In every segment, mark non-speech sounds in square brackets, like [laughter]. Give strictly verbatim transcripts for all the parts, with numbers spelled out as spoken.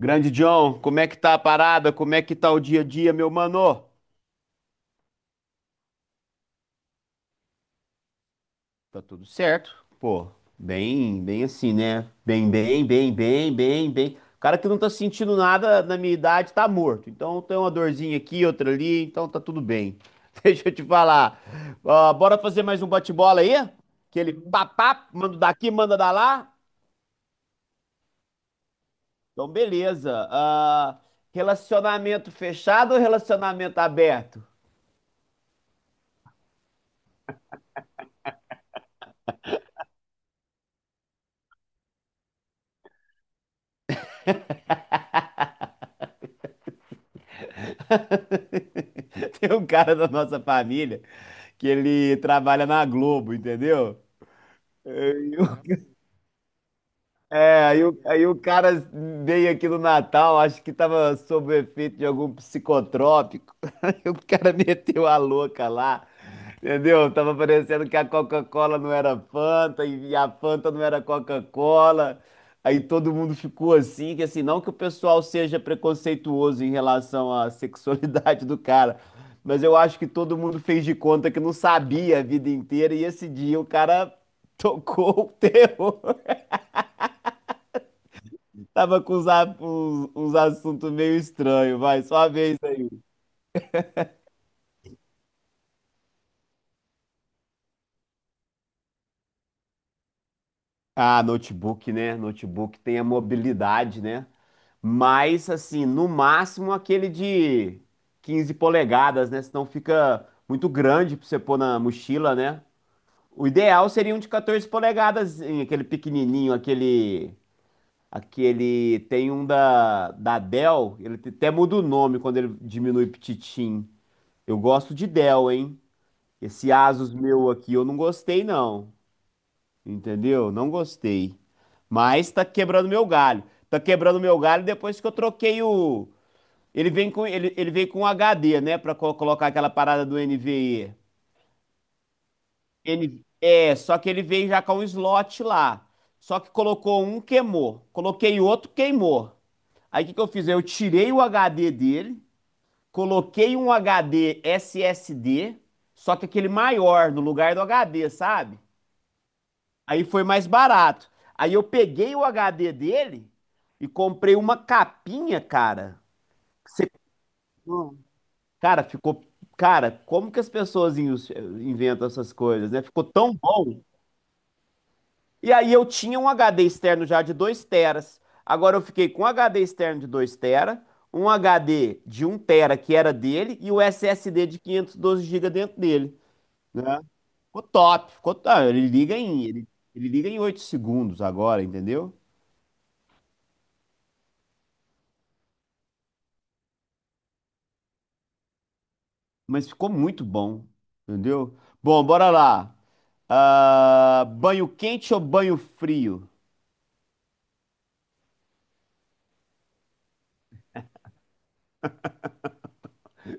Grande John, como é que tá a parada? Como é que tá o dia a dia, meu mano? Tá tudo certo? Pô, bem, bem assim, né? Bem, bem, bem, bem, bem, bem. O cara que não tá sentindo nada na minha idade tá morto. Então tem uma dorzinha aqui, outra ali, então tá tudo bem. [laughs] Deixa eu te falar. Ó, bora fazer mais um bate-bola aí? Aquele papá, manda daqui, manda da lá. Então, beleza. Ah, relacionamento fechado ou relacionamento aberto? [laughs] Tem um cara da nossa família que ele trabalha na Globo, entendeu? É, aí, o- aí o cara veio aqui no Natal, acho que tava sob o efeito de algum psicotrópico. [laughs] Aí o cara meteu a louca lá, entendeu? Tava parecendo que a Coca-Cola não era Fanta e a Fanta não era Coca-Cola. Aí todo mundo ficou assim, que assim, não que o pessoal seja preconceituoso em relação à sexualidade do cara, mas eu acho que todo mundo fez de conta que não sabia a vida inteira e esse dia o cara [laughs] tocou o terror. Tava com uns, a- uns, uns assuntos meio estranhos, vai, só a vez aí. Ah, notebook, né? Notebook tem a mobilidade, né? Mas, assim, no máximo aquele de quinze polegadas, né? Senão fica muito grande pra você pôr na mochila, né? O ideal seria um de quatorze polegadas, em aquele pequenininho, aquele. Aquele. Tem um da, da Dell, ele até muda o nome quando ele diminui pititim. Eu gosto de Dell, hein? Esse Asus meu aqui eu não gostei, não. Entendeu? Não gostei. Mas tá quebrando meu galho. Tá quebrando meu galho depois que eu troquei o. Ele vem com, ele, ele vem com H D, né? Pra co- colocar aquela parada do N V E. N é, só que ele veio já com um slot lá. Só que colocou um, queimou. Coloquei outro, queimou. Aí o que que eu fiz? Eu tirei o H D dele, coloquei um H D S S D, só que aquele maior no lugar do H D, sabe? Aí foi mais barato. Aí eu peguei o H D dele e comprei uma capinha, cara. Você- Cara, ficou. Cara, como que as pessoas in- inventam essas coisas, né? Ficou tão bom. E aí eu tinha um H D externo já de dois teras. Agora eu fiquei com um H D externo de dois tera, um H D de um tera que era dele e o S S D de quinhentos e doze gigas dentro dele, né? Ficou top, ficou top. Ele liga em, ele, ele liga em oito segundos agora, entendeu? Mas ficou muito bom, entendeu? Bom, bora lá. Ah, banho quente ou banho frio?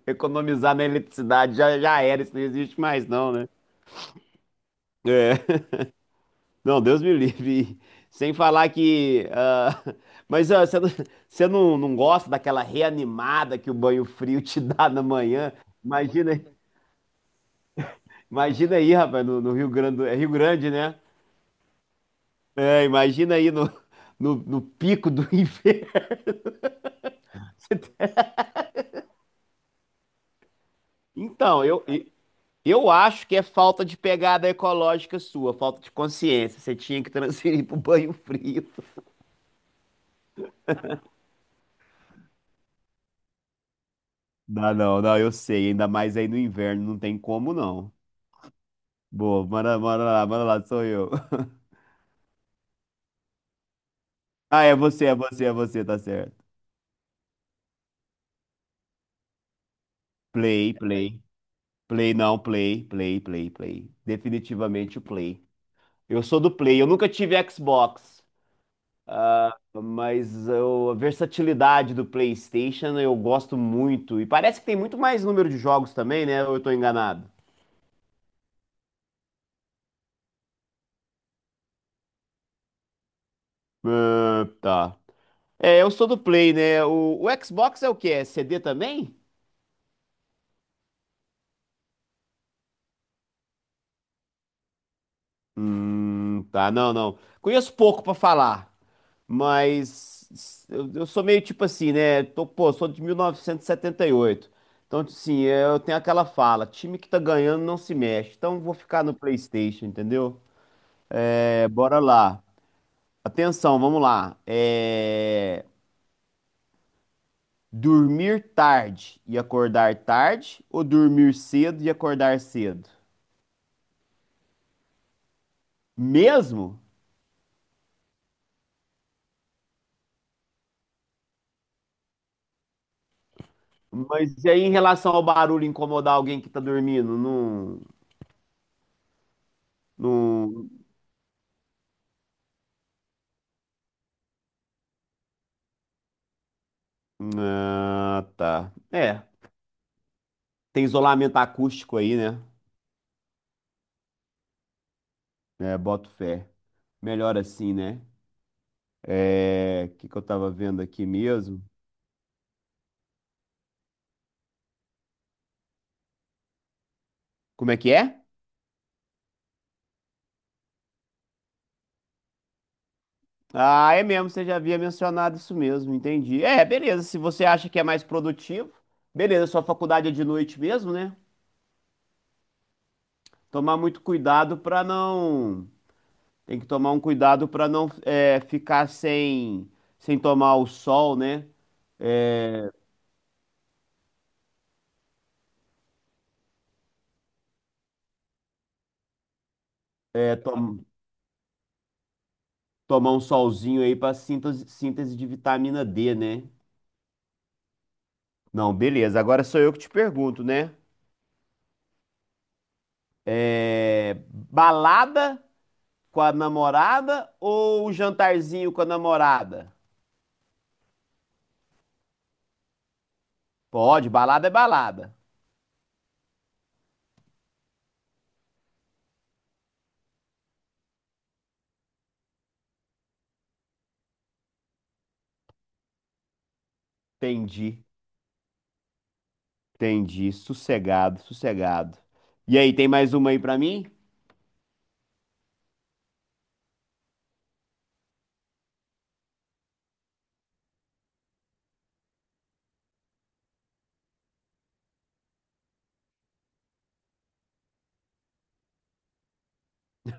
Economizar na eletricidade já, já era, isso não existe mais, não, né? É. [laughs] Não, Deus me livre. Sem falar que. ah, mas ah, você não, você não, não gosta daquela reanimada que o banho frio te dá na manhã? Imagina, imagina aí, rapaz, no, no, Rio Grande. do- É Rio Grande, né? É, imagina aí no, no, no pico do [laughs] inverno. Então, eu, Eu acho que é falta de pegada ecológica sua, falta de consciência. Você tinha que [laughs] transferir pro banho frio. Não, não, não, eu sei. Ainda mais aí no inverno, não tem como não. Boa, manda, manda lá, manda lá, sou eu. [laughs] Ah, é você, é você, é você, tá certo. Play, play. Play, não, play, play, play, play. Definitivamente o play. Eu sou do play, eu nunca tive Xbox. Ah, mas eu- a versatilidade do PlayStation eu gosto muito. E parece que tem muito mais número de jogos também, né? Ou eu tô enganado? Ah, tá. É, eu sou do Play, né? O, o Xbox é o quê? É C D também? Hum, tá. Não, não. Conheço pouco pra falar. Mas eu, eu sou meio tipo assim, né? Tô, pô, sou de mil novecentos e setenta e oito. Então, assim, eu tenho aquela fala: time que tá ganhando não se mexe. Então, vou ficar no PlayStation, entendeu? É, bora lá. Atenção, vamos lá. É, dormir tarde e acordar tarde ou dormir cedo e acordar cedo? Mesmo? Mas e aí em relação ao barulho incomodar alguém que tá dormindo? Não, não, ah, tá. É, tem isolamento acústico aí, né? É, boto fé. Melhor assim, né? É, o que que eu tava vendo aqui mesmo? Como é que é? Ah, é mesmo, você já havia mencionado isso mesmo, entendi. É, beleza, se você acha que é mais produtivo, beleza, sua faculdade é de noite mesmo, né? Tomar muito cuidado pra não. Tem que tomar um cuidado pra não é, ficar sem, sem tomar o sol, né? É, tom- tomar um solzinho aí pra síntese, síntese de vitamina dê, né? Não, beleza, agora sou eu que te pergunto, né? É, balada com a namorada ou um jantarzinho com a namorada? Pode, balada é balada. Entendi, entendi. Sossegado, sossegado. E aí, tem mais uma aí pra mim?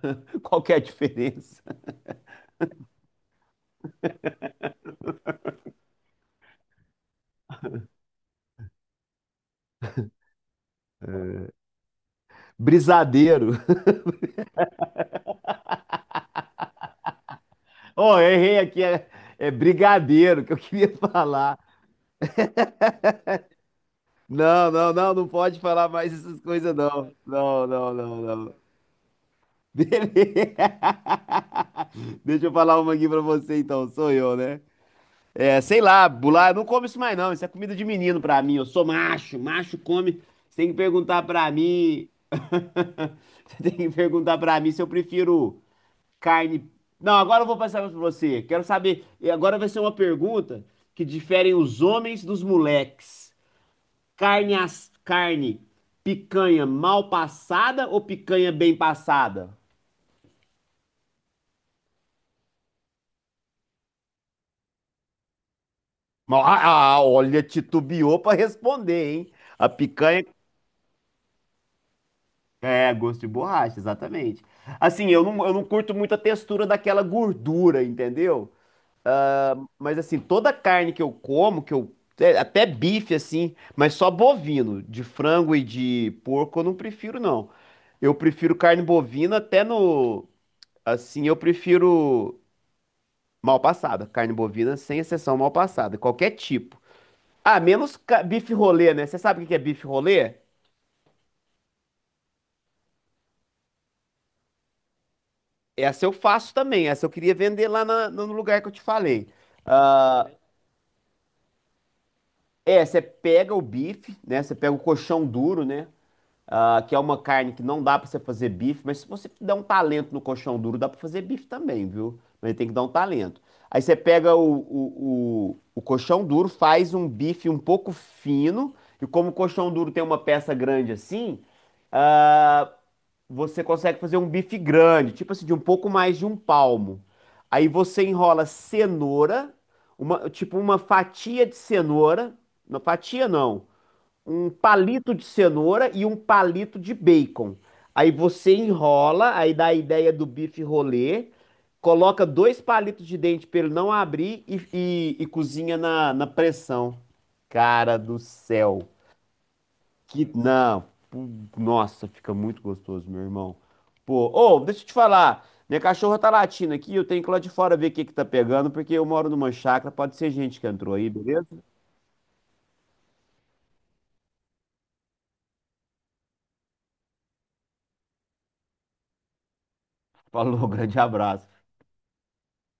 [laughs] Qual que é a diferença? É. Brisadeiro. Oh, eu errei aqui, é, é brigadeiro que eu queria [laughs] falar. Não, não, não, não pode falar mais essas coisas, não. Não, não, não, não. Beleza. [laughs] Deixa eu falar uma aqui pra você, então. Sou eu, né? É, sei lá, bular, eu não como isso mais não. Isso é comida de menino pra mim. Eu sou macho, macho come. Você tem que perguntar pra mim. [laughs] Você tem que perguntar pra mim se eu prefiro carne. Não, agora eu vou passar pra você. Quero saber. E agora vai ser uma pergunta que diferem os homens dos moleques. Carne, as... carne, picanha mal passada ou picanha bem passada? Ó, Ah, ah, olha, titubeou pra responder, hein? A picanha. É, gosto de borracha, exatamente. Assim, eu não, eu não curto muito a textura daquela gordura, entendeu? Ah, mas assim, toda carne que eu como, que eu. É, até bife, assim, mas só bovino. De frango e de porco eu não prefiro, não. Eu prefiro carne bovina até no. Assim, eu prefiro mal passada. Carne bovina, sem exceção, mal passada. Qualquer tipo. Ah, menos ca- bife rolê, né? Você sabe o que que é bife rolê? Essa eu faço também. Essa eu queria vender lá na- no lugar que eu te falei. Ah, é, você pega o bife, né? Você pega o coxão duro, né? Ah, que é uma carne que não dá pra você fazer bife, mas se você der um talento no coxão duro, dá pra fazer bife também, viu? Mas tem que dar um talento. Aí você pega o, o, o, o colchão duro, faz um bife um pouco fino, e como o colchão duro tem uma peça grande assim, ah, você consegue fazer um bife grande, tipo assim, de um pouco mais de um palmo. Aí você enrola cenoura, uma, tipo uma fatia de cenoura, não fatia não, um palito de cenoura e um palito de bacon. Aí você enrola, aí dá a ideia do bife rolê, coloca dois palitos de dente para ele não abrir e, e- e cozinha na, na pressão. Cara do céu, que, não, pu- nossa, fica muito gostoso, meu irmão. Pô, ô, deixa eu te falar. Minha cachorra tá latindo aqui, eu tenho que ir lá de fora ver o que que tá pegando, porque eu moro numa chácara, pode ser gente que entrou aí, beleza? Falou, [laughs] grande abraço.